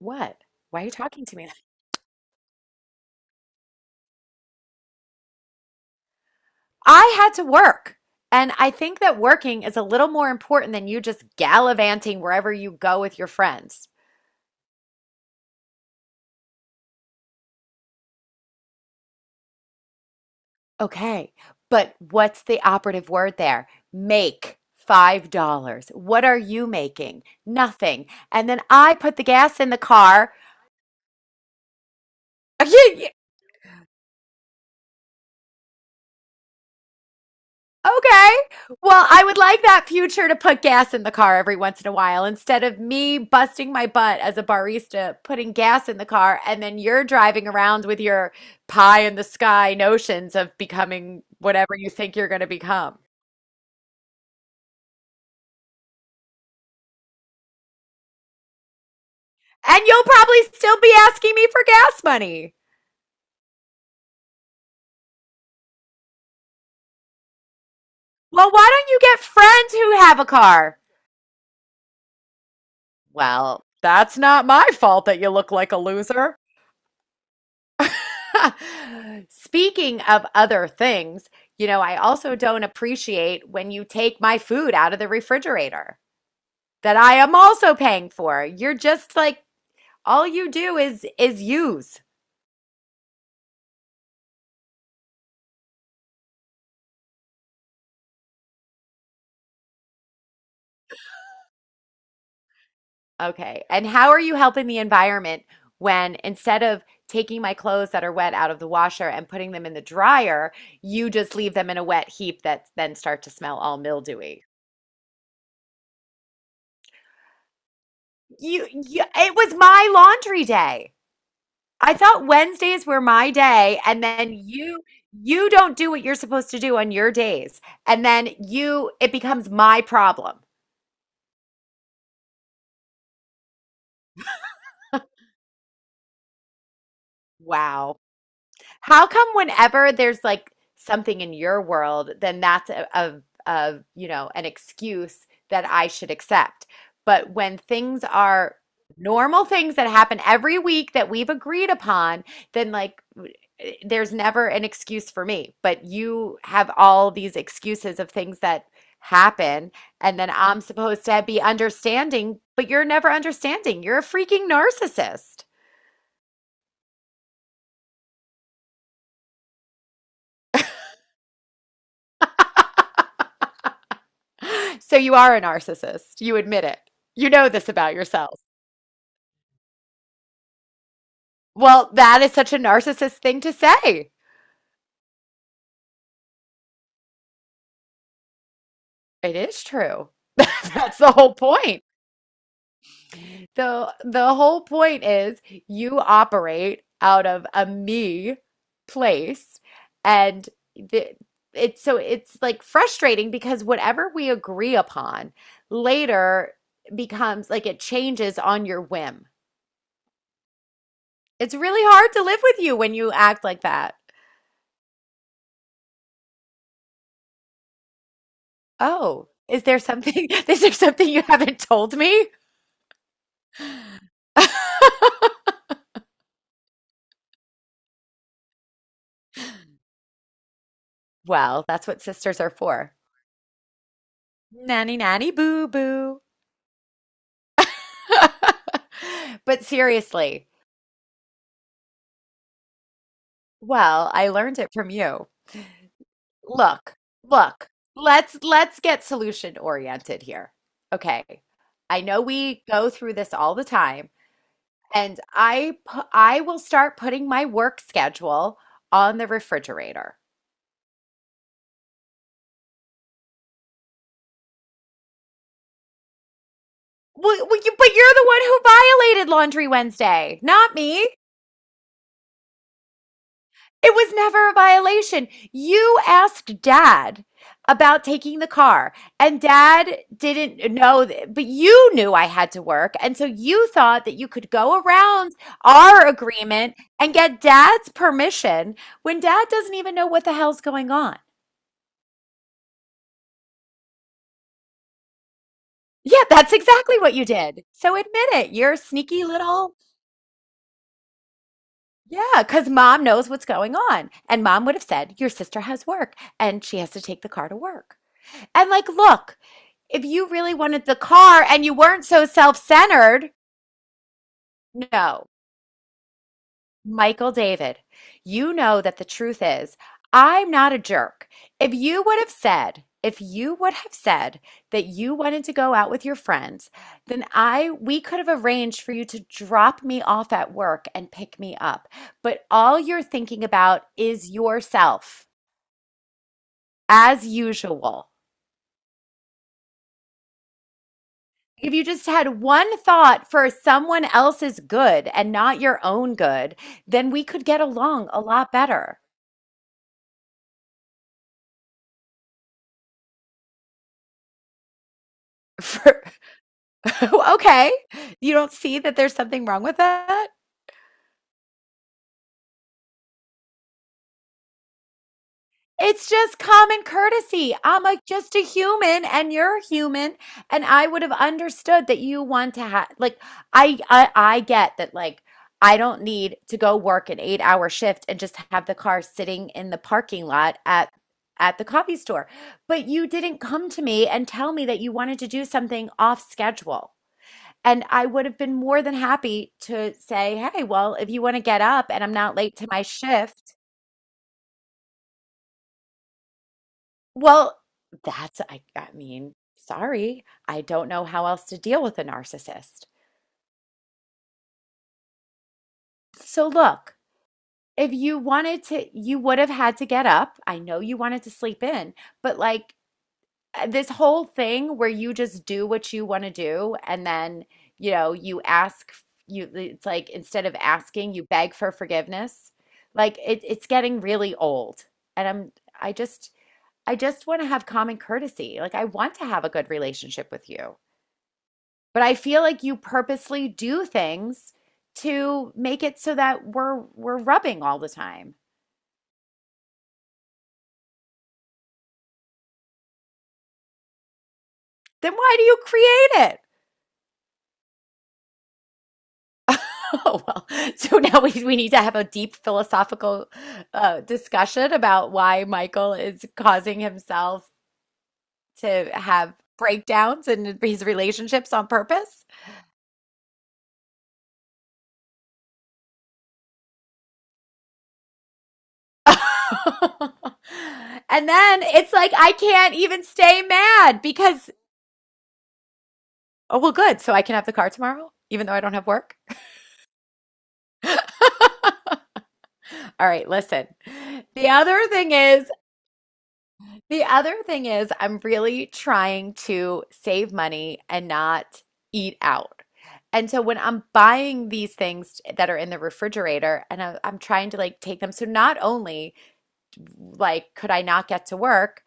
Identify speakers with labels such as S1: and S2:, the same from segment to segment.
S1: What? Why are you talking to me? I had to work. And I think that working is a little more important than you just gallivanting wherever you go with your friends. Okay, but what's the operative word there? Make $5. What are you making? Nothing. And then I put the gas in the car. Are you- Okay. Well, I would like that future to put gas in the car every once in a while instead of me busting my butt as a barista, putting gas in the car, and then you're driving around with your pie in the sky notions of becoming whatever you think you're going to become. And you'll probably still be asking me for gas money. Well, why don't you get friends who have a car? Well, that's not my fault that you look like a loser. Speaking of other things, you know, I also don't appreciate when you take my food out of the refrigerator that I am also paying for. You're just like all you do is use. Okay. And how are you helping the environment when instead of taking my clothes that are wet out of the washer and putting them in the dryer, you just leave them in a wet heap that then start to smell all mildewy? You it was my laundry day. I thought Wednesdays were my day, and then you don't do what you're supposed to do on your days, and then you it becomes my problem. Wow. How come whenever there's like something in your world, then that's a an excuse that I should accept. But when things are normal things that happen every week that we've agreed upon, then like there's never an excuse for me. But you have all these excuses of things that happen, and then I'm supposed to be understanding, but you're never understanding. You're a freaking narcissist. So you are a narcissist. You admit it. You know this about yourself. Well, that is such a narcissist thing to say. It is true. That's the whole point. The whole point is you operate out of a me place and the it's so it's like frustrating because whatever we agree upon later becomes like it changes on your whim. It's really hard to live with you when you act like that. Oh, is there something is there something you haven't told me? Well, that's what sisters are for. Nanny, nanny, boo, boo. But seriously, well, I learned it from you. Look, look, let's get solution oriented here. Okay. I know we go through this all the time, and I will start putting my work schedule on the refrigerator. You, but you're the one who violated Laundry Wednesday, not me. It was never a violation. You asked Dad about taking the car, and Dad didn't know, but you knew I had to work. And so you thought that you could go around our agreement and get Dad's permission when Dad doesn't even know what the hell's going on. Yeah, that's exactly what you did. So admit it. You're a sneaky little. Yeah, because Mom knows what's going on. And Mom would have said, your sister has work and she has to take the car to work. And like, look, if you really wanted the car and you weren't so self centered, no, Michael David, you know that the truth is, I'm not a jerk. If you would have said, if you would have said that you wanted to go out with your friends, then I we could have arranged for you to drop me off at work and pick me up. But all you're thinking about is yourself, as usual. If you just had one thought for someone else's good and not your own good, then we could get along a lot better. For, okay. You don't see that there's something wrong with that? It's just common courtesy. I'm a, just a human and you're human and I would have understood that you want to have like I get that like I don't need to go work an 8-hour shift and just have the car sitting in the parking lot at the coffee store. But you didn't come to me and tell me that you wanted to do something off schedule. And I would have been more than happy to say, hey, well, if you want to get up and I'm not late to my shift, well, I mean, sorry, I don't know how else to deal with a narcissist. So look, if you wanted to, you would have had to get up. I know you wanted to sleep in, but like, this whole thing where you just do what you want to do and then, you know, you it's like instead of asking, you beg for forgiveness. Like it's getting really old. And I just I just want to have common courtesy. Like I want to have a good relationship with you. But I feel like you purposely do things to make it so that we're rubbing all the time. Then why do you create it? Oh, well, so now we need to have a deep philosophical discussion about why Michael is causing himself to have breakdowns in his relationships on purpose. And then it's like, I can't even stay mad because, oh, well, good. So I can have the car tomorrow, even though I don't have work. All right, listen. The other thing is, The other thing is, I'm really trying to save money and not eat out. And so when I'm buying these things that are in the refrigerator and I'm trying to like take them, so not only like could I not get to work,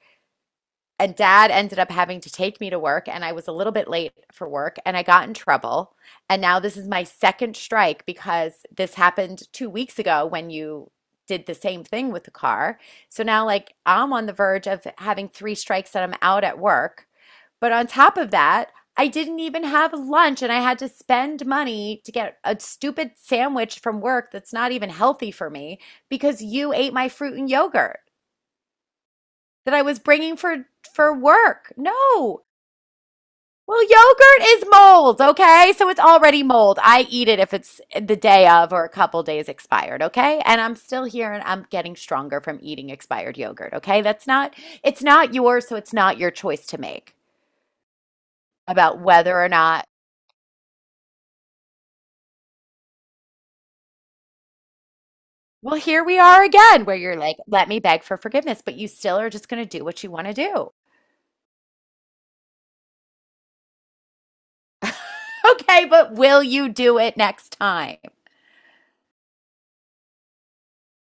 S1: and Dad ended up having to take me to work and I was a little bit late for work and I got in trouble. And now this is my second strike because this happened 2 weeks ago when you did the same thing with the car. So now like I'm on the verge of having 3 strikes that I'm out at work. But on top of that, I didn't even have lunch and I had to spend money to get a stupid sandwich from work that's not even healthy for me because you ate my fruit and yogurt that I was bringing for work. No. Well, yogurt is mold, okay? So it's already mold. I eat it if it's the day of or a couple days expired, okay? And I'm still here and I'm getting stronger from eating expired yogurt, okay? That's not it's not yours, so it's not your choice to make about whether or not. Well, here we are again where you're like, "Let me beg for forgiveness," but you still are just going to do what you want to do. Okay, but will you do it next time?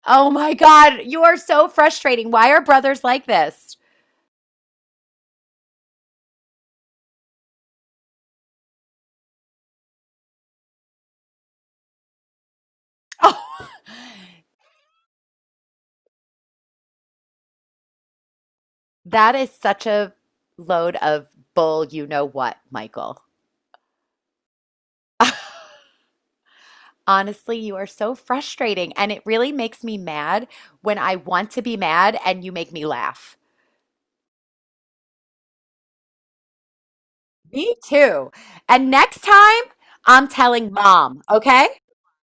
S1: Oh my God, you are so frustrating. Why are brothers like this? Oh. That is such a load of bull, you know what, Michael. Honestly, you are so frustrating. And it really makes me mad when I want to be mad and you make me laugh. Me too. And next time, I'm telling Mom, okay?